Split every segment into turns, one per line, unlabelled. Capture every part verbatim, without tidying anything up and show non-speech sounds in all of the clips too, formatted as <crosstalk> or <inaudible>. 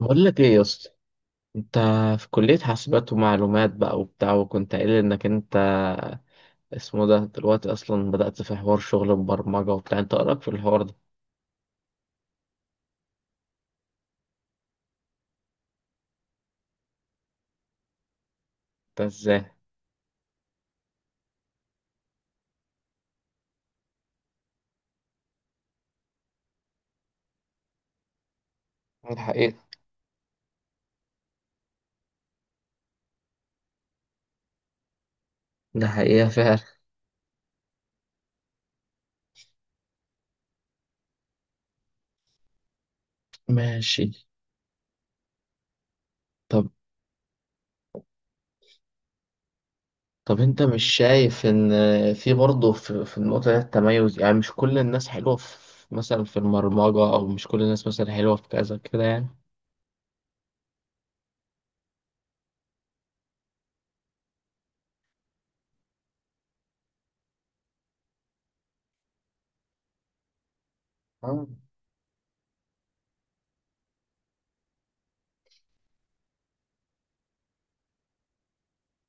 بقول لك ايه يا اسطى، انت في كلية حاسبات ومعلومات بقى وبتاع، وكنت قايل انك انت اسمه ده دلوقتي اصلا بدأت في حوار شغل البرمجة وبتاع. انت ايه رأيك في الحوار ده؟ انت ازاي؟ الحقيقة، ده حقيقة فعلا. ماشي. طب طب انت مش شايف ان في برضه في, في النقطة دي التميز، يعني مش كل الناس حلوة في مثلا في البرمجة، او مش كل الناس مثلا حلوة في كذا كده. يعني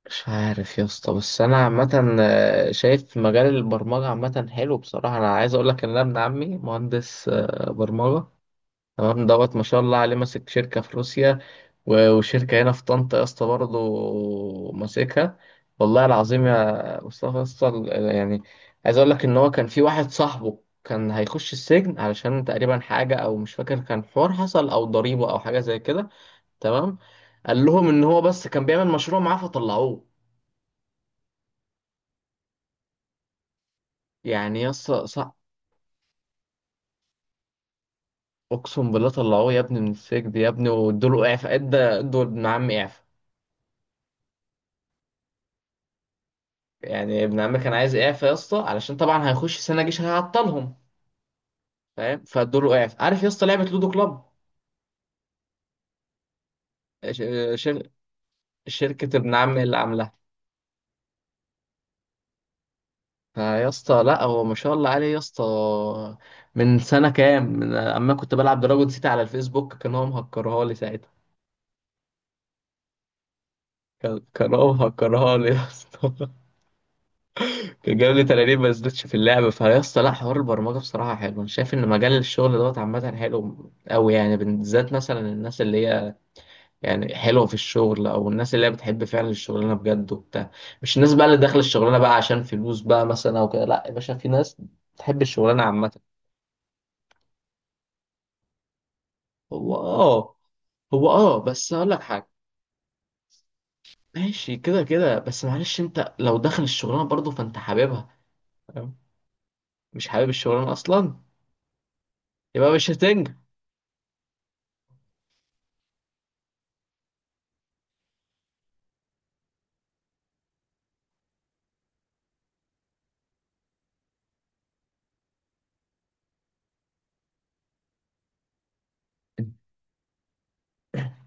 مش عارف يا اسطى، بس انا عامه آه، شايف مجال البرمجه عامه حلو بصراحه. انا عايز اقول لك ان انا ابن عمي مهندس آه، برمجه، تمام دوت. ما شاء الله عليه ماسك شركه في روسيا و- وشركه هنا في طنطا يا اسطى برضه ماسكها. والله العظيم يا مصطفى يا اسطى، ال- يعني عايز اقول لك ان هو كان في واحد صاحبه كان هيخش السجن، علشان تقريبا حاجه او مش فاكر، كان حوار حصل او ضريبه او حاجه زي كده. تمام، قال لهم ان هو بس كان بيعمل مشروع معاه فطلعوه. يعني يا اسطى صح، اقسم بالله طلعوه يا ابني من السجن يا ابني، وادوله اعفاء، ادى ادوا ابن عم اعفاء. يعني ابن عم كان عايز اعفاء يا اسطى، علشان طبعا هيخش سنه جيش هيعطلهم. فاهم؟ فادوله اعفاء. عارف يا اسطى لعبه لودو كلاب؟ ش- شر... شركه ابن عم اللي عاملاها. فيا اسطى لا، هو ما شاء الله عليه يا اسطى. من سنه كام، من اما كنت بلعب دراجون سيتي على الفيسبوك، كان هو مهكرها لي ساعتها. كان كان هو مهكرها لي يا اسطى. كان جاب لي تلاتين ما نزلتش في اللعبة. فيا اسطى لا، حوار البرمجة بصراحة حلو. أنا شايف إن مجال الشغل دوت عامة حلو أوي، يعني بالذات مثلا الناس اللي هي يعني حلوة في الشغل، أو الناس اللي هي بتحب فعلا الشغلانة بجد وبتاع. مش الناس بقى اللي داخلة الشغلانة بقى عشان فلوس بقى مثلا أو كده، لا يا باشا، في ناس بتحب الشغلانة عامة. هو آه، هو اه، بس اقول لك حاجه. ماشي كده كده، بس معلش انت لو داخل الشغلانه برضه فانت حاببها، فاهم؟ مش حابب الشغلانه اصلا، يبقى مش هتنجح.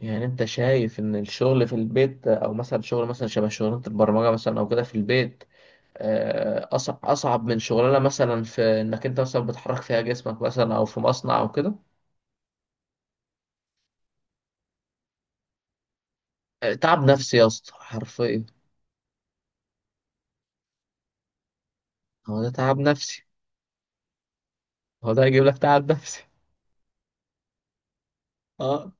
يعني انت شايف ان الشغل في البيت، او مثلا شغل مثلا شبه شغلانه البرمجه مثلا او كده في البيت، آه، أص- اصعب من شغلانه مثلا في انك انت مثلا بتحرك فيها جسمك مثلا او في مصنع او كده؟ آه، تعب نفسي يا اسطى حرفيا. هو ده تعب نفسي، هو ده هيجيب لك تعب نفسي. اه.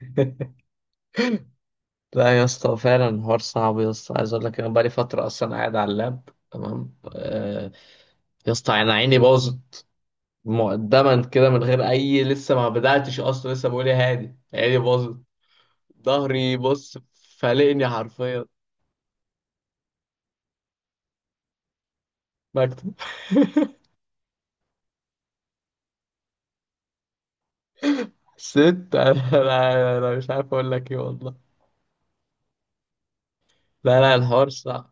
<laughs> لا يا اسطى فعلا الحوار صعب يا اسطى، عايز اقول لك انا بقالي فتره اصلا قاعد على اللاب، تمام. آه، يا اسطى انا عيني باظت، مقدما كده من غير اي، لسه ما بداتش اصلا، لسه بقول يا هادي عيني باظت. ظهري بص فلقني حرفيا. مكتب. <laughs> ست انا، انا أنا مش عارف اقول لك ايه والله. لا لا، الحوار صعب.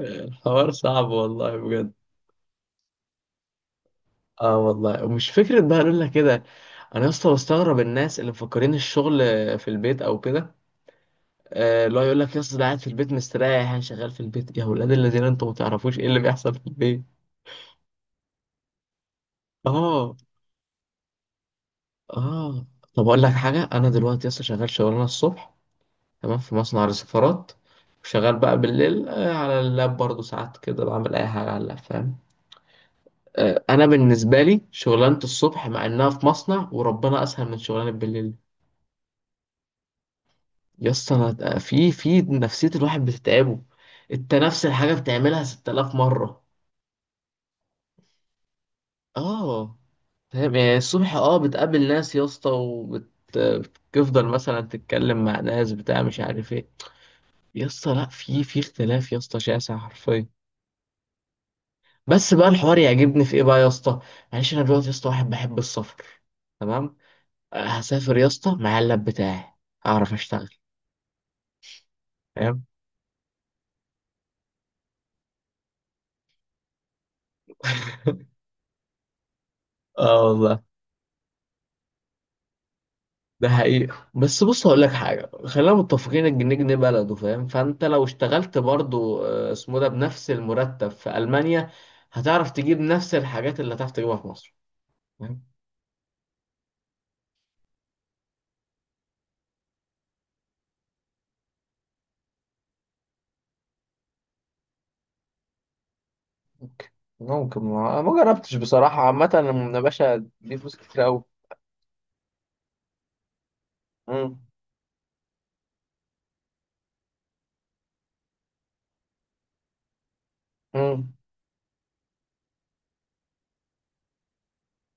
الحوار صعب والله بجد. اه والله، ومش فكرة بقى اقول لك كده. انا يا اسطى بستغرب الناس اللي مفكرين الشغل في البيت او كده، آه، اللي هو يقول لك يا اسطى ده قاعد في البيت مستريح، يعني شغال في البيت. يا ولاد الذين انتوا ما تعرفوش ايه اللي بيحصل في البيت. اه، اه. طب اقول لك حاجة، انا دلوقتي يا اسطى شغال شغلانة الصبح، تمام، في مصنع للسفارات. وشغال بقى بالليل آه، على اللاب برضه. ساعات كده بعمل أي حاجة على اللاب، فاهم؟ آه، أنا بالنسبة لي شغلانة الصبح مع إنها في مصنع وربنا أسهل من شغلانة بالليل، يا اسطى. أنا في في نفسية الواحد بتتعبه، أنت نفس الحاجة بتعملها ستة آلاف مرة. آه، فاهم؟ يعني الصبح، اه، بتقابل ناس يا اسطى، وبتفضل مثلا تتكلم مع ناس بتاع مش عارف ايه. يا اسطى لا، في في اختلاف يا اسطى شاسع حرفيا. بس بقى الحوار يعجبني في ايه بقى يا اسطى؟ معلش انا دلوقتي يا اسطى واحد بحب السفر، تمام، أه، هسافر يا اسطى مع اللاب بتاعي، اعرف اشتغل، فاهم؟ <laughs> اه والله. ده حقيقة، بس بص هقول لك حاجة، خلينا متفقين الجنيه جنيه بلده، فاهم؟ فانت لو اشتغلت برضو آه، اسمه ده بنفس المرتب في ألمانيا، هتعرف تجيب نفس الحاجات اللي هتعرف تجيبها في مصر، فاهم؟ ممكن، ما ما جربتش بصراحة عامة. يا باشا دي فلوس كتير أوي. مم. مم.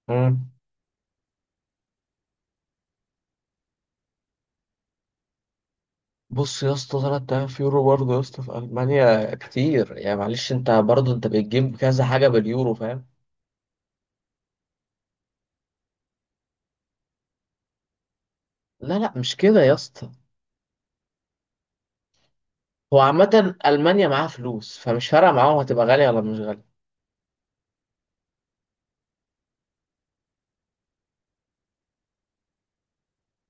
مم. بص يا اسطى، تلات آلاف يورو برضه يا اسطى في ألمانيا كتير، يعني معلش أنت برضه أنت بتجيب كذا حاجة باليورو، فاهم؟ لا لا مش كده يا اسطى. هو عامة ألمانيا معاها فلوس، فمش فارقة معاهم هتبقى غالية ولا مش غالية.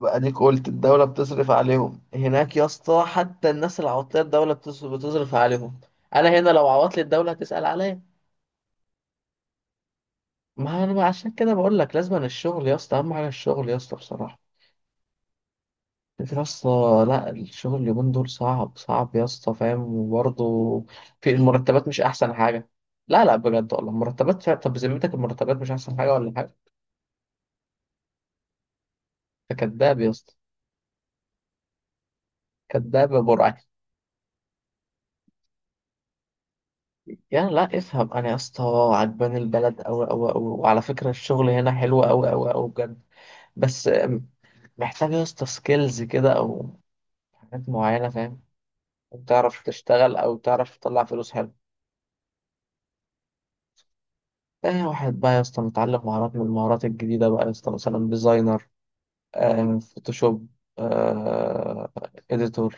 بقى اديك قلت الدولة بتصرف عليهم هناك يا اسطى، حتى الناس العواطيه الدولة بتص- بتصرف عليهم. أنا هنا لو عوضت لي الدولة هتسأل عليا؟ ما أنا عشان كده بقول لك لازم الشغل يا اسطى، أهم حاجة الشغل يا اسطى بصراحة. يا اسطى، لا الشغل اليومين دول صعب، صعب يا اسطى، فاهم؟ وبرضه في المرتبات مش احسن حاجه. لا لا، بجد والله المرتبات فعلا، طب بذمتك المرتبات مش احسن حاجه ولا حاجه؟ انت كداب يا اسطى. كداب يا برعي. يعني لا، افهم انا يا اسطى، عجباني البلد اوي اوي اوي، وعلى فكره الشغل هنا حلو اوي اوي اوي بجد. بس محتاج يا اسطى سكيلز كده او حاجات معينه، فاهم؟ تعرف تشتغل او تعرف تطلع فلوس حلو. تاني واحد بقى يا اسطى متعلم مهارات من المهارات الجديدة بقى يا اسطى، مثلا ديزاينر، آم، فوتوشوب، آه، اديتور،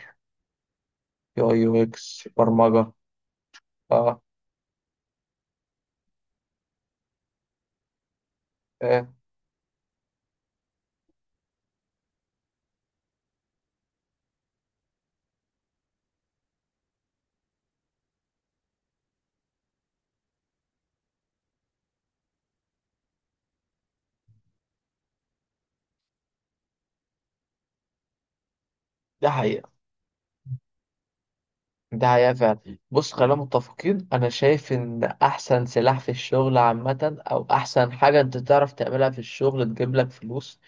يو اي يو اكس، برمجة. اه، آه، ده حقيقة. ده حقيقة فعلا، بص خلينا متفقين، انا شايف ان احسن سلاح في الشغل عامة او احسن حاجة انت تعرف تعملها في الشغل تجيب لك فلوس،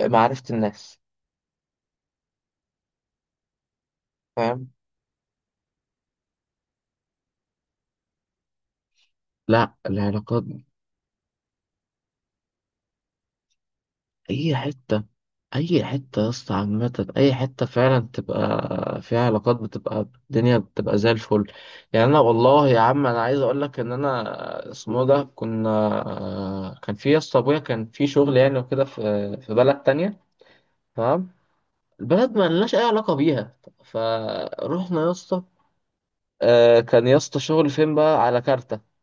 آه، معرفة الناس، فاهم؟ لا، العلاقات. اي حته، اي حته يا اسطى عامه، اي حته فعلا تبقى فيها علاقات بتبقى الدنيا بتبقى زي الفل. يعني انا والله يا عم، انا عايز اقول لك ان انا اسمه ده كنا، كان في يا اسطى ابويا كان في شغل يعني وكده، في في بلد تانية، تمام. البلد ما لناش اي علاقه بيها، فروحنا يا اسطى آه، كان يا اسطى شغل فين بقى على كارتة.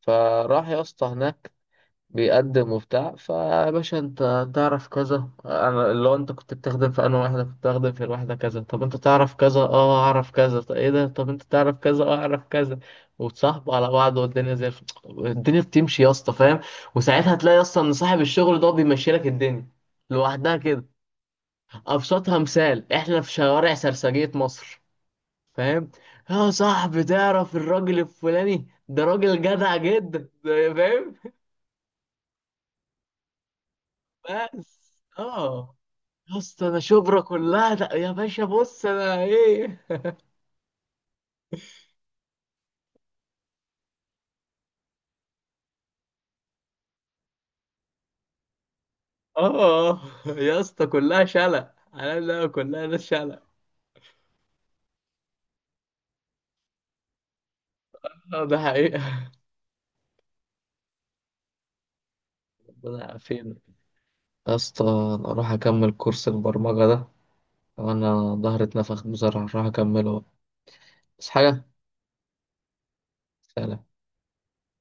فراح يا اسطى هناك بيقدم وبتاع. فيا باشا انت تعرف كذا، انا اللي هو انت كنت بتخدم في، انا واحده كنت بتخدم في الواحده كذا، طب انت تعرف كذا؟ اه اعرف كذا. طب ايه ده، طب انت تعرف كذا؟ اه اعرف كذا. وتصاحبوا على بعض والدنيا زي الف... الدنيا بتمشي يا اسطى، فاهم؟ وساعتها تلاقي اصلا ان صاحب الشغل ده بيمشي لك الدنيا لوحدها كده. ابسطها مثال، احنا في شوارع سرسجية مصر، فاهم؟ يا صاحبي تعرف الراجل الفلاني ده راجل جدع جدا ده- فاهم؟ بس اه، يا اسطى انا شبرا كلها ده يا باشا، بص انا ايه. اه، آه، يا اسطى كلها شلة، انا لا كلها ناس شلة. اه ده حقيقة. ربنا يعافينا. يا اسطى انا اروح اكمل كورس البرمجة ده وانا ظهري اتنفخ بصراحة، اروح اكمله، بس حاجة، سلام.